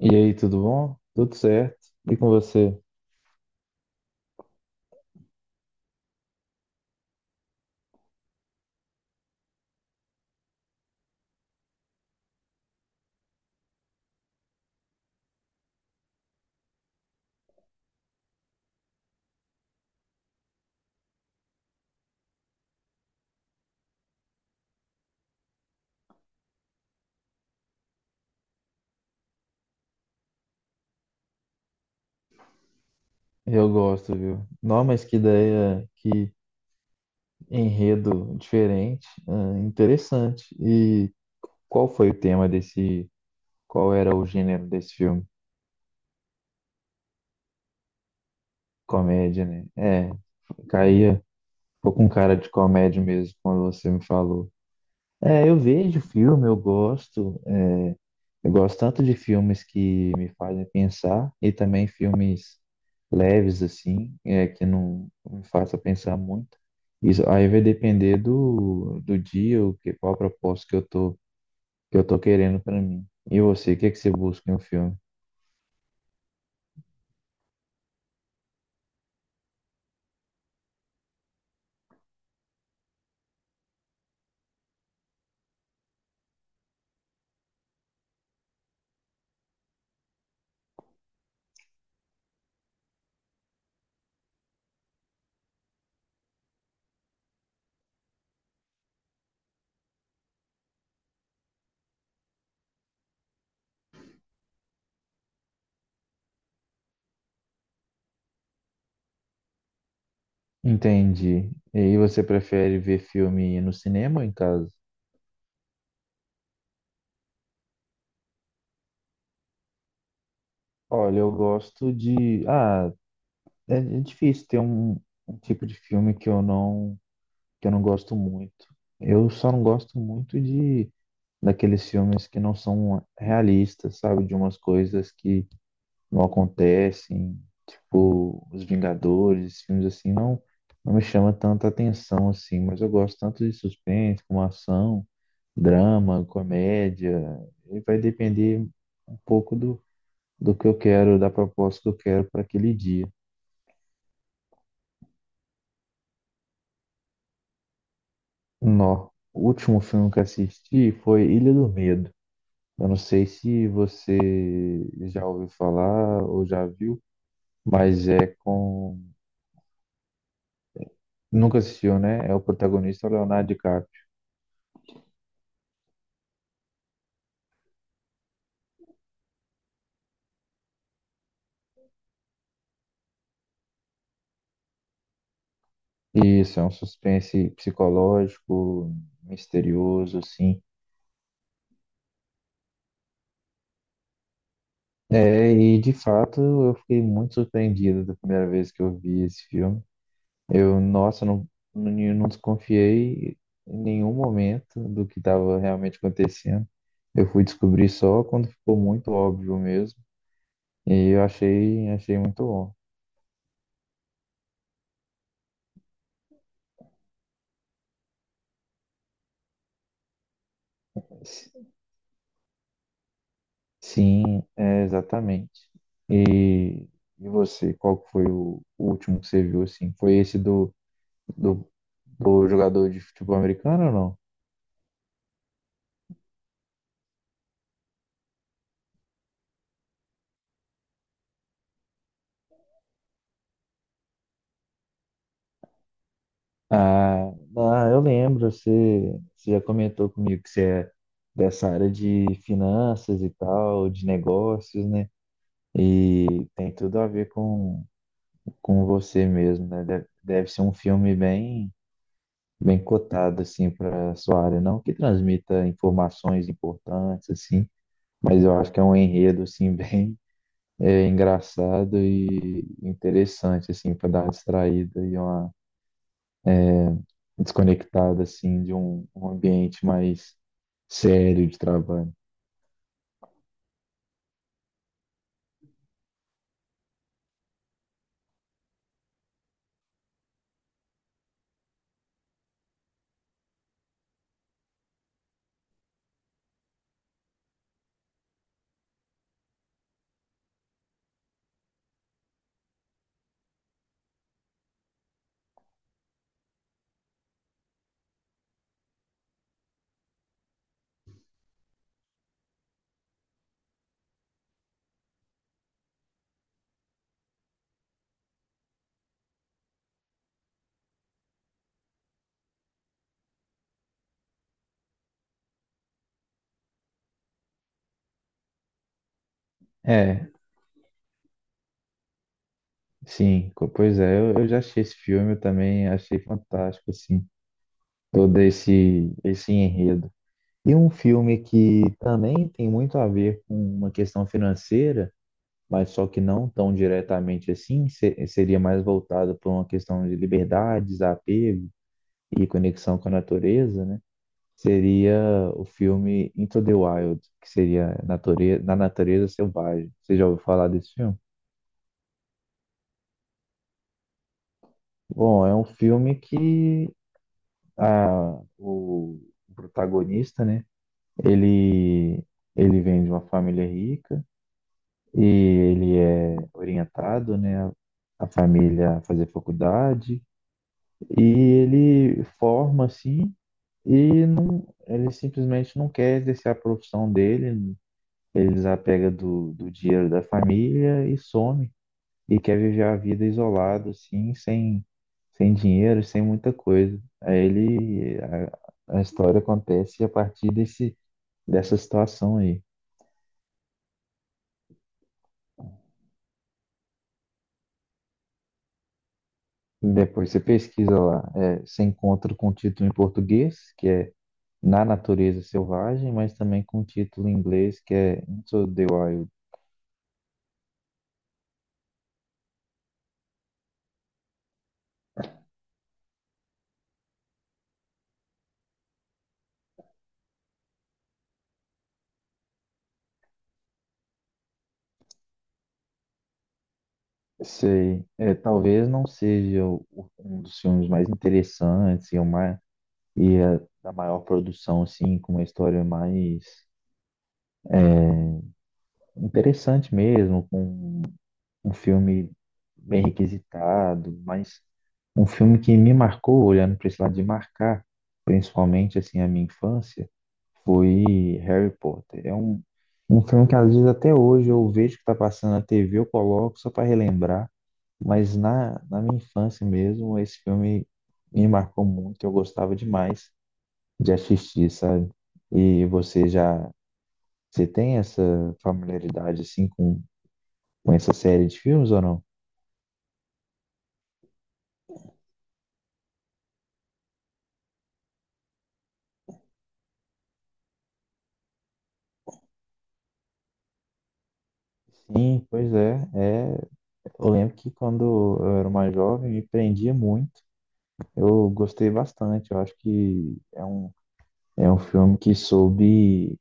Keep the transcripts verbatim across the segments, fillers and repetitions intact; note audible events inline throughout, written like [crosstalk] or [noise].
E aí, tudo bom? Tudo certo? E com você? Eu gosto, viu? Não, mas que ideia, que enredo diferente, ah, interessante. E qual foi o tema desse, qual era o gênero desse filme? Comédia, né? É, caía, ficou com cara de comédia mesmo quando você me falou. É, eu vejo filme, eu gosto, é, eu gosto tanto de filmes que me fazem pensar e também filmes leves, assim, é, que não me façam pensar muito. Isso aí vai depender do, do dia, o que, qual propósito que eu tô, que eu tô querendo para mim. E você, o que é que você busca em um filme? Entendi. E aí você prefere ver filme no cinema ou em casa? Olha, eu gosto de. Ah, é é difícil ter um, um tipo de filme que eu não, que eu não gosto muito. Eu só não gosto muito de daqueles filmes que não são realistas, sabe? De umas coisas que não acontecem, tipo Os Vingadores, filmes assim, não, não me chama tanta atenção assim, mas eu gosto tanto de suspense, como ação, drama, comédia, e vai depender um pouco do, do que eu quero, da proposta que eu quero para aquele dia. Nó. O último filme que assisti foi Ilha do Medo. Eu não sei se você já ouviu falar ou já viu, mas é com. Nunca assistiu, né? É o protagonista o Leonardo DiCaprio. E isso, é um suspense psicológico, misterioso, assim. É, e de fato eu fiquei muito surpreendido da primeira vez que eu vi esse filme. Eu, nossa, não, não, não desconfiei em nenhum momento do que estava realmente acontecendo. Eu fui descobrir só quando ficou muito óbvio mesmo. E eu achei, achei muito bom. Sim, é, exatamente. E, e você, qual que foi o, o último que você viu, assim? Foi esse do, do, do jogador de futebol americano ou não? Ah, ah, eu lembro, você, você já comentou comigo que você é dessa área de finanças e tal, de negócios, né? E tem tudo a ver com, com você mesmo, né? Deve, deve ser um filme bem, bem cotado, assim, para sua área, não? Que transmita informações importantes, assim. Mas eu acho que é um enredo assim [laughs] bem é, engraçado e interessante assim para dar uma distraída e uma desconectada assim de um, um ambiente mais sério de trabalho. É, sim, co- pois é, eu, eu já achei esse filme, eu também achei fantástico assim todo esse esse enredo. E um filme que também tem muito a ver com uma questão financeira, mas só que não tão diretamente assim, se- seria mais voltado para uma questão de liberdade, desapego e conexão com a natureza, né? Seria o filme Into the Wild, que seria natureza, Na Natureza Selvagem. Você já ouviu falar desse filme? Bom, é um filme que ah, o protagonista, né? Ele, ele vem de uma família rica e ele é orientado, né? A família a fazer faculdade e ele forma assim e não, ele simplesmente não quer exercer a profissão dele, ele desapega do, do dinheiro da família e some. E quer viver a vida isolado, assim, sem, sem dinheiro, sem muita coisa. Aí ele, a, a história acontece a partir desse, dessa situação aí. Depois você pesquisa lá, é, você encontra com o título em português, que é Na Natureza Selvagem, mas também com o título em inglês, que é Into the Wild. Sei, é, talvez não seja o- um dos filmes mais interessantes e o mais e é da maior produção, assim, com uma história mais interessante mesmo, com um filme bem requisitado, mas um filme que me marcou, olhando para esse lado de marcar, principalmente, assim, a minha infância, foi Harry Potter. É um, um filme que, às vezes, até hoje eu vejo que está passando na T V, eu coloco só para relembrar, mas na, na minha infância mesmo, esse filme me marcou muito, eu gostava demais de assistir, sabe? E você já, você tem essa familiaridade assim com, com essa série de filmes ou não? Sim, pois é, é. Eu lembro que quando eu era mais jovem me prendia muito. Eu gostei bastante. Eu acho que é um, é um filme que soube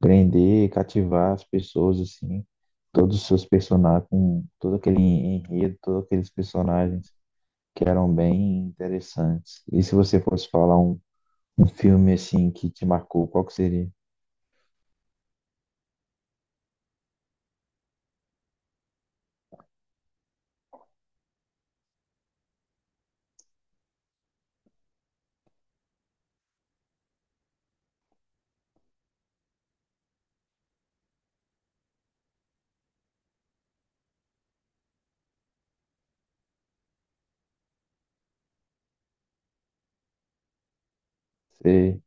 prender, cativar as pessoas assim, todos os seus personagens, com todo aquele enredo, todos aqueles personagens que eram bem interessantes. E se você fosse falar um um filme assim que te marcou, qual que seria? Você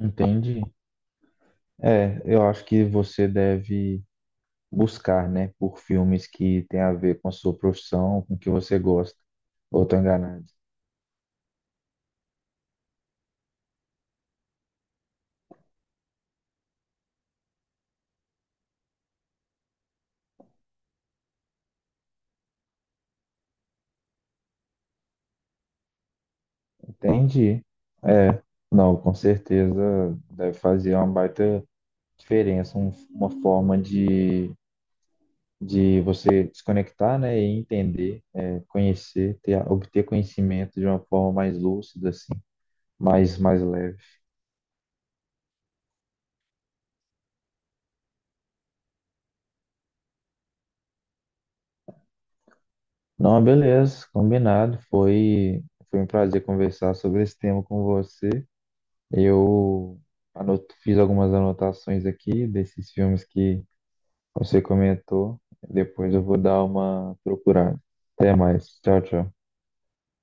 entende? É, eu acho que você deve buscar, né, por filmes que tem a ver com a sua profissão, com o que você gosta. Ou tô enganado? Entendi. Não, com certeza deve fazer uma baita diferença, um- uma forma de, de você desconectar, né, e entender, é, conhecer, ter, obter conhecimento de uma forma mais lúcida, assim, mais, mais leve. Não, beleza, combinado. Foi, foi um prazer conversar sobre esse tema com você. Eu anoto, fiz algumas anotações aqui desses filmes que você comentou. Depois eu vou dar uma procurada. Até mais. Tchau, tchau.